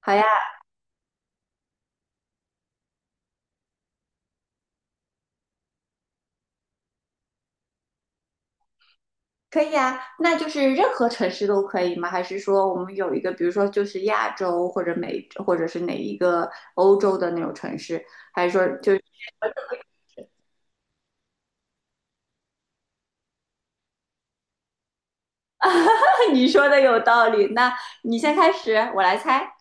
好呀，可以呀。那就是任何城市都可以吗？还是说我们有一个，比如说就是亚洲或者美，或者是哪一个欧洲的那种城市？还是说就是 你说的有道理？那你先开始，我来猜。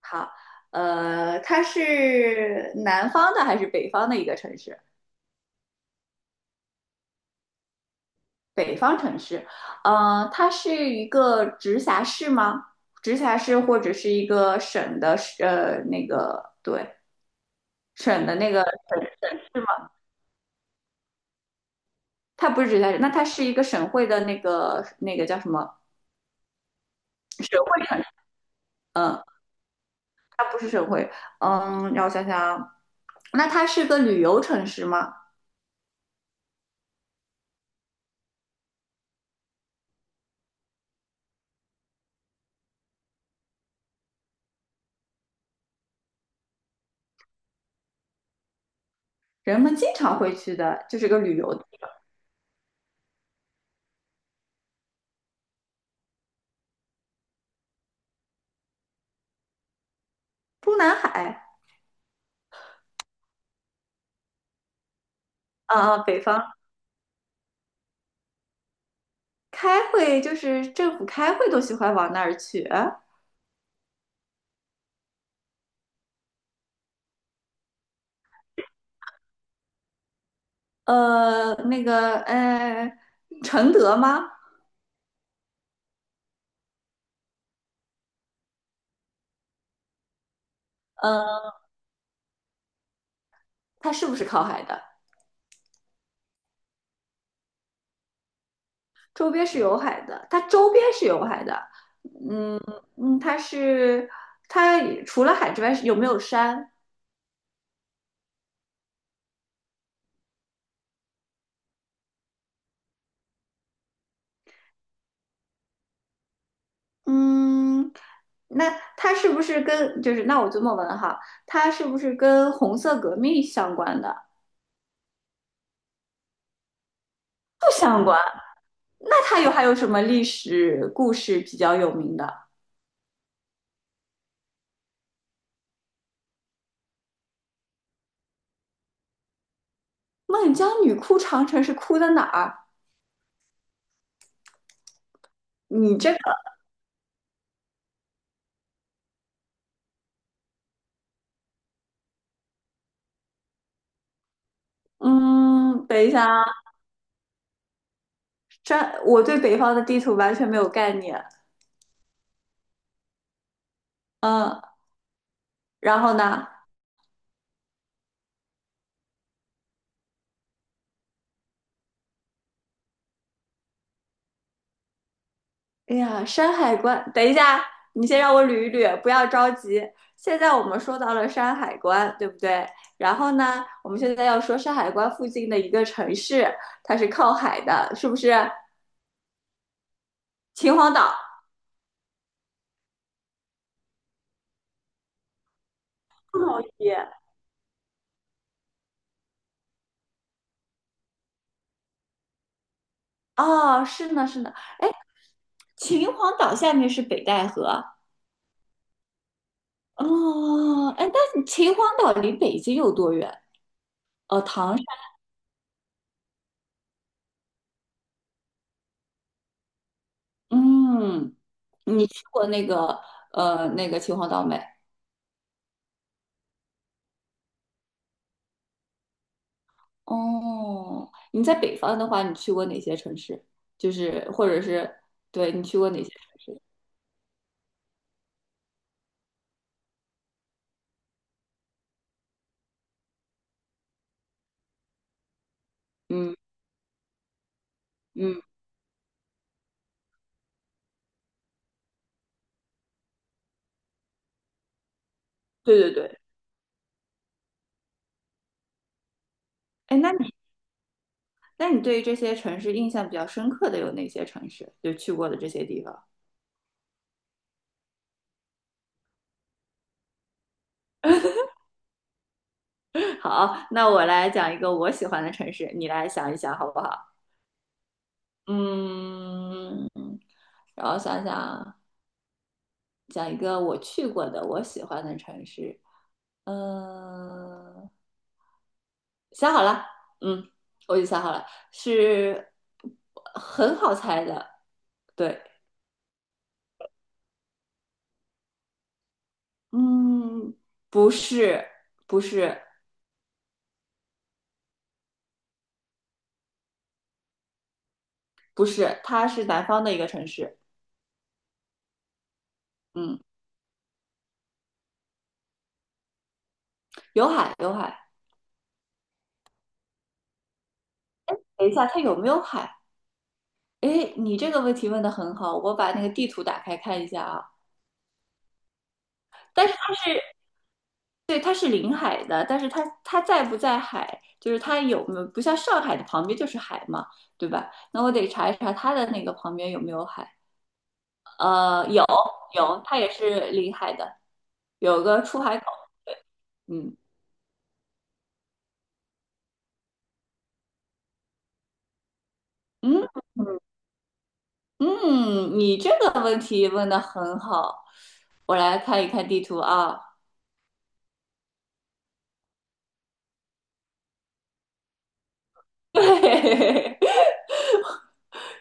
好，它是南方的还是北方的一个城市？北方城市，它是一个直辖市吗？直辖市或者是一个省的，那个对，省的那个。它不是直辖市，那它是一个省会的那个叫什么省会城？嗯，它不是省会，嗯，让我想想啊，那它是个旅游城市吗？人们经常会去的，就是个旅游地中南海，啊、北方开会就是政府开会都喜欢往那儿去。呃，那个呃，承德吗？嗯，它是不是靠海的？周边是有海的，它周边是有海的，嗯嗯，它除了海之外是有没有山？嗯，那它是不是跟就是那我这么问哈，它是不是跟红色革命相关的？不相关。那它有还有什么历史故事比较有名的？孟姜女哭长城是哭的哪儿？你这个，嗯，等一下啊，这我对北方的地图完全没有概念，嗯，然后呢？哎呀，山海关，等一下，你先让我捋一捋，不要着急。现在我们说到了山海关，对不对？然后呢，我们现在要说山海关附近的一个城市，它是靠海的，是不是？秦皇岛。不同意。啊，是呢，是呢。哎，秦皇岛下面是北戴河。哦，哎，但是秦皇岛离北京有多远？哦，唐山。嗯，你去过那个秦皇岛没？哦，你在北方的话，你去过哪些城市？就是或者是对你去过哪些城市？嗯嗯，对对对。哎，那你对于这些城市印象比较深刻的有哪些城市？就去过的这些地方。好，那我来讲一个我喜欢的城市，你来想一想好不好？嗯，然后想想讲一个我去过的我喜欢的城市。嗯，想好了，嗯，我已经想好了，是很好猜的，对，嗯，不是，不是，不是它是南方的一个城市，嗯，有海，有海。等一下，它有没有海？哎，你这个问题问的很好，我把那个地图打开看一下啊。但是它对，它是临海的，但是它在不在海，就是它有没有不像上海的旁边就是海嘛，对吧？那我得查一查它的那个旁边有没有海。呃，有有，它也是临海的，有个出海口。嗯嗯嗯，你这个问题问的很好，我来看一看地图啊。对，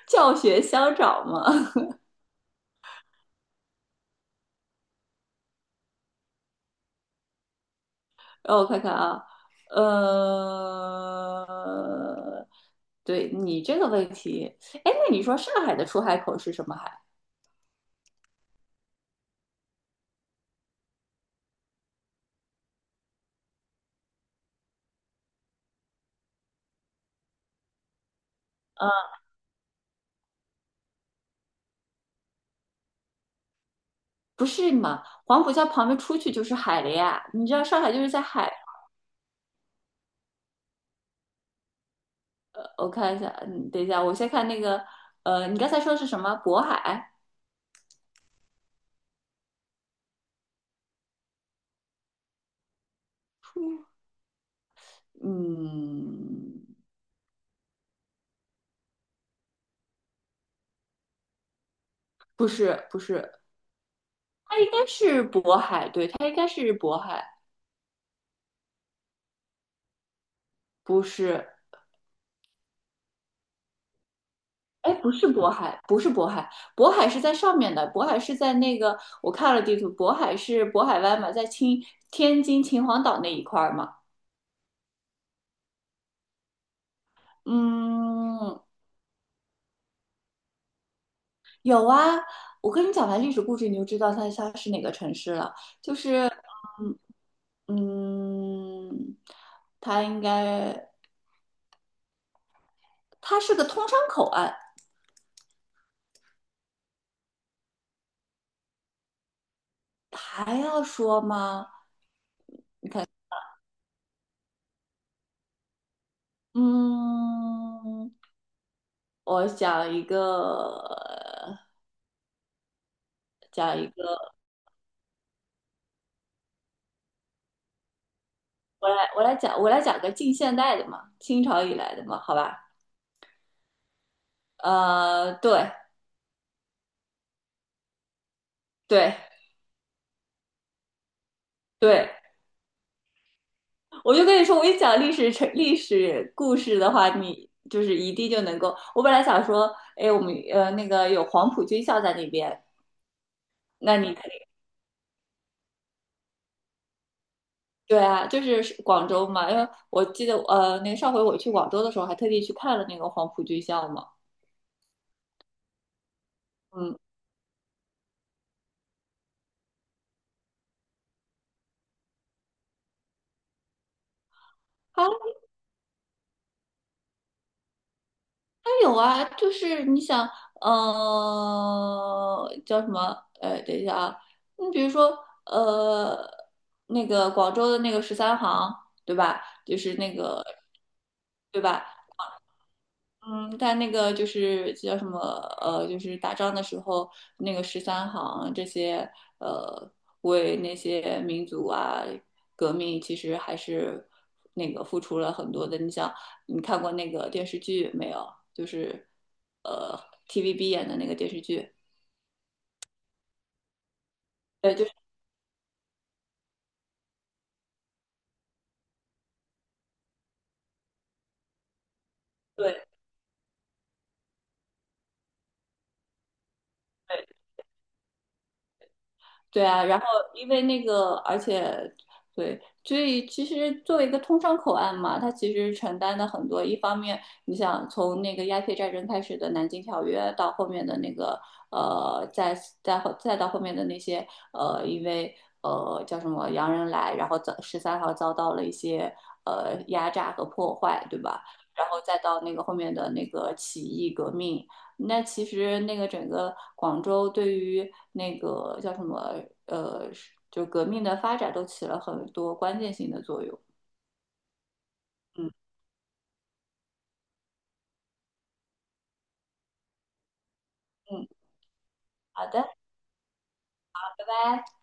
教学相长嘛。让我看看啊，呃，对你这个问题，哎，那你说上海的出海口是什么海？呃不是嘛？黄浦江旁边出去就是海了呀。你知道上海就是在海。我看一下，嗯，等一下，我先看那个，你刚才说的是什么？渤海？嗯，不是，不是，它应该是渤海，对，它应该是渤海，不是，哎，不是渤海，不是渤海，渤海是在上面的，渤海是在那个，我看了地图，渤海是渤海湾嘛，在青天津秦皇岛那一块儿嘛，嗯，有啊，我跟你讲完历史故事，你就知道它是哪个城市了，就是。嗯嗯，它应该，它是个通商口岸，还要说吗？嗯，我讲一个，讲一个，我来，我来讲，我来讲个近现代的嘛，清朝以来的嘛，好吧？对，对，对，我就跟你说，我一讲历史成历史故事的话，你就是一定就能够。我本来想说，哎，我们那个有黄埔军校在那边，那你对啊，就是是广州嘛，因为我记得那个上回我去广州的时候，还特地去看了那个黄埔军校嘛。嗯，还有啊，就是你想，叫什么？等一下啊，你比如说呃，那个广州的那个十三行，对吧？就是那个，对吧？嗯，但那个就是叫什么就是打仗的时候，那个十三行这些呃，为那些民族啊革命，其实还是那个付出了很多的。你想，你看过那个电视剧没有？就是呃 TVB 演的那个电视剧，对，就是对。对啊，然后因为那个，而且对，所以其实作为一个通商口岸嘛，它其实承担的很多。一方面，你想从那个鸦片战争开始的南京条约，到后面的那个呃，再再到后面的那些呃，因为叫什么洋人来，然后遭十三号遭到了一些压榨和破坏，对吧？然后再到那个后面的那个起义革命，那其实那个整个广州对于那个叫什么呃，就革命的发展都起了很多关键性的作用。嗯嗯，好的，拜拜。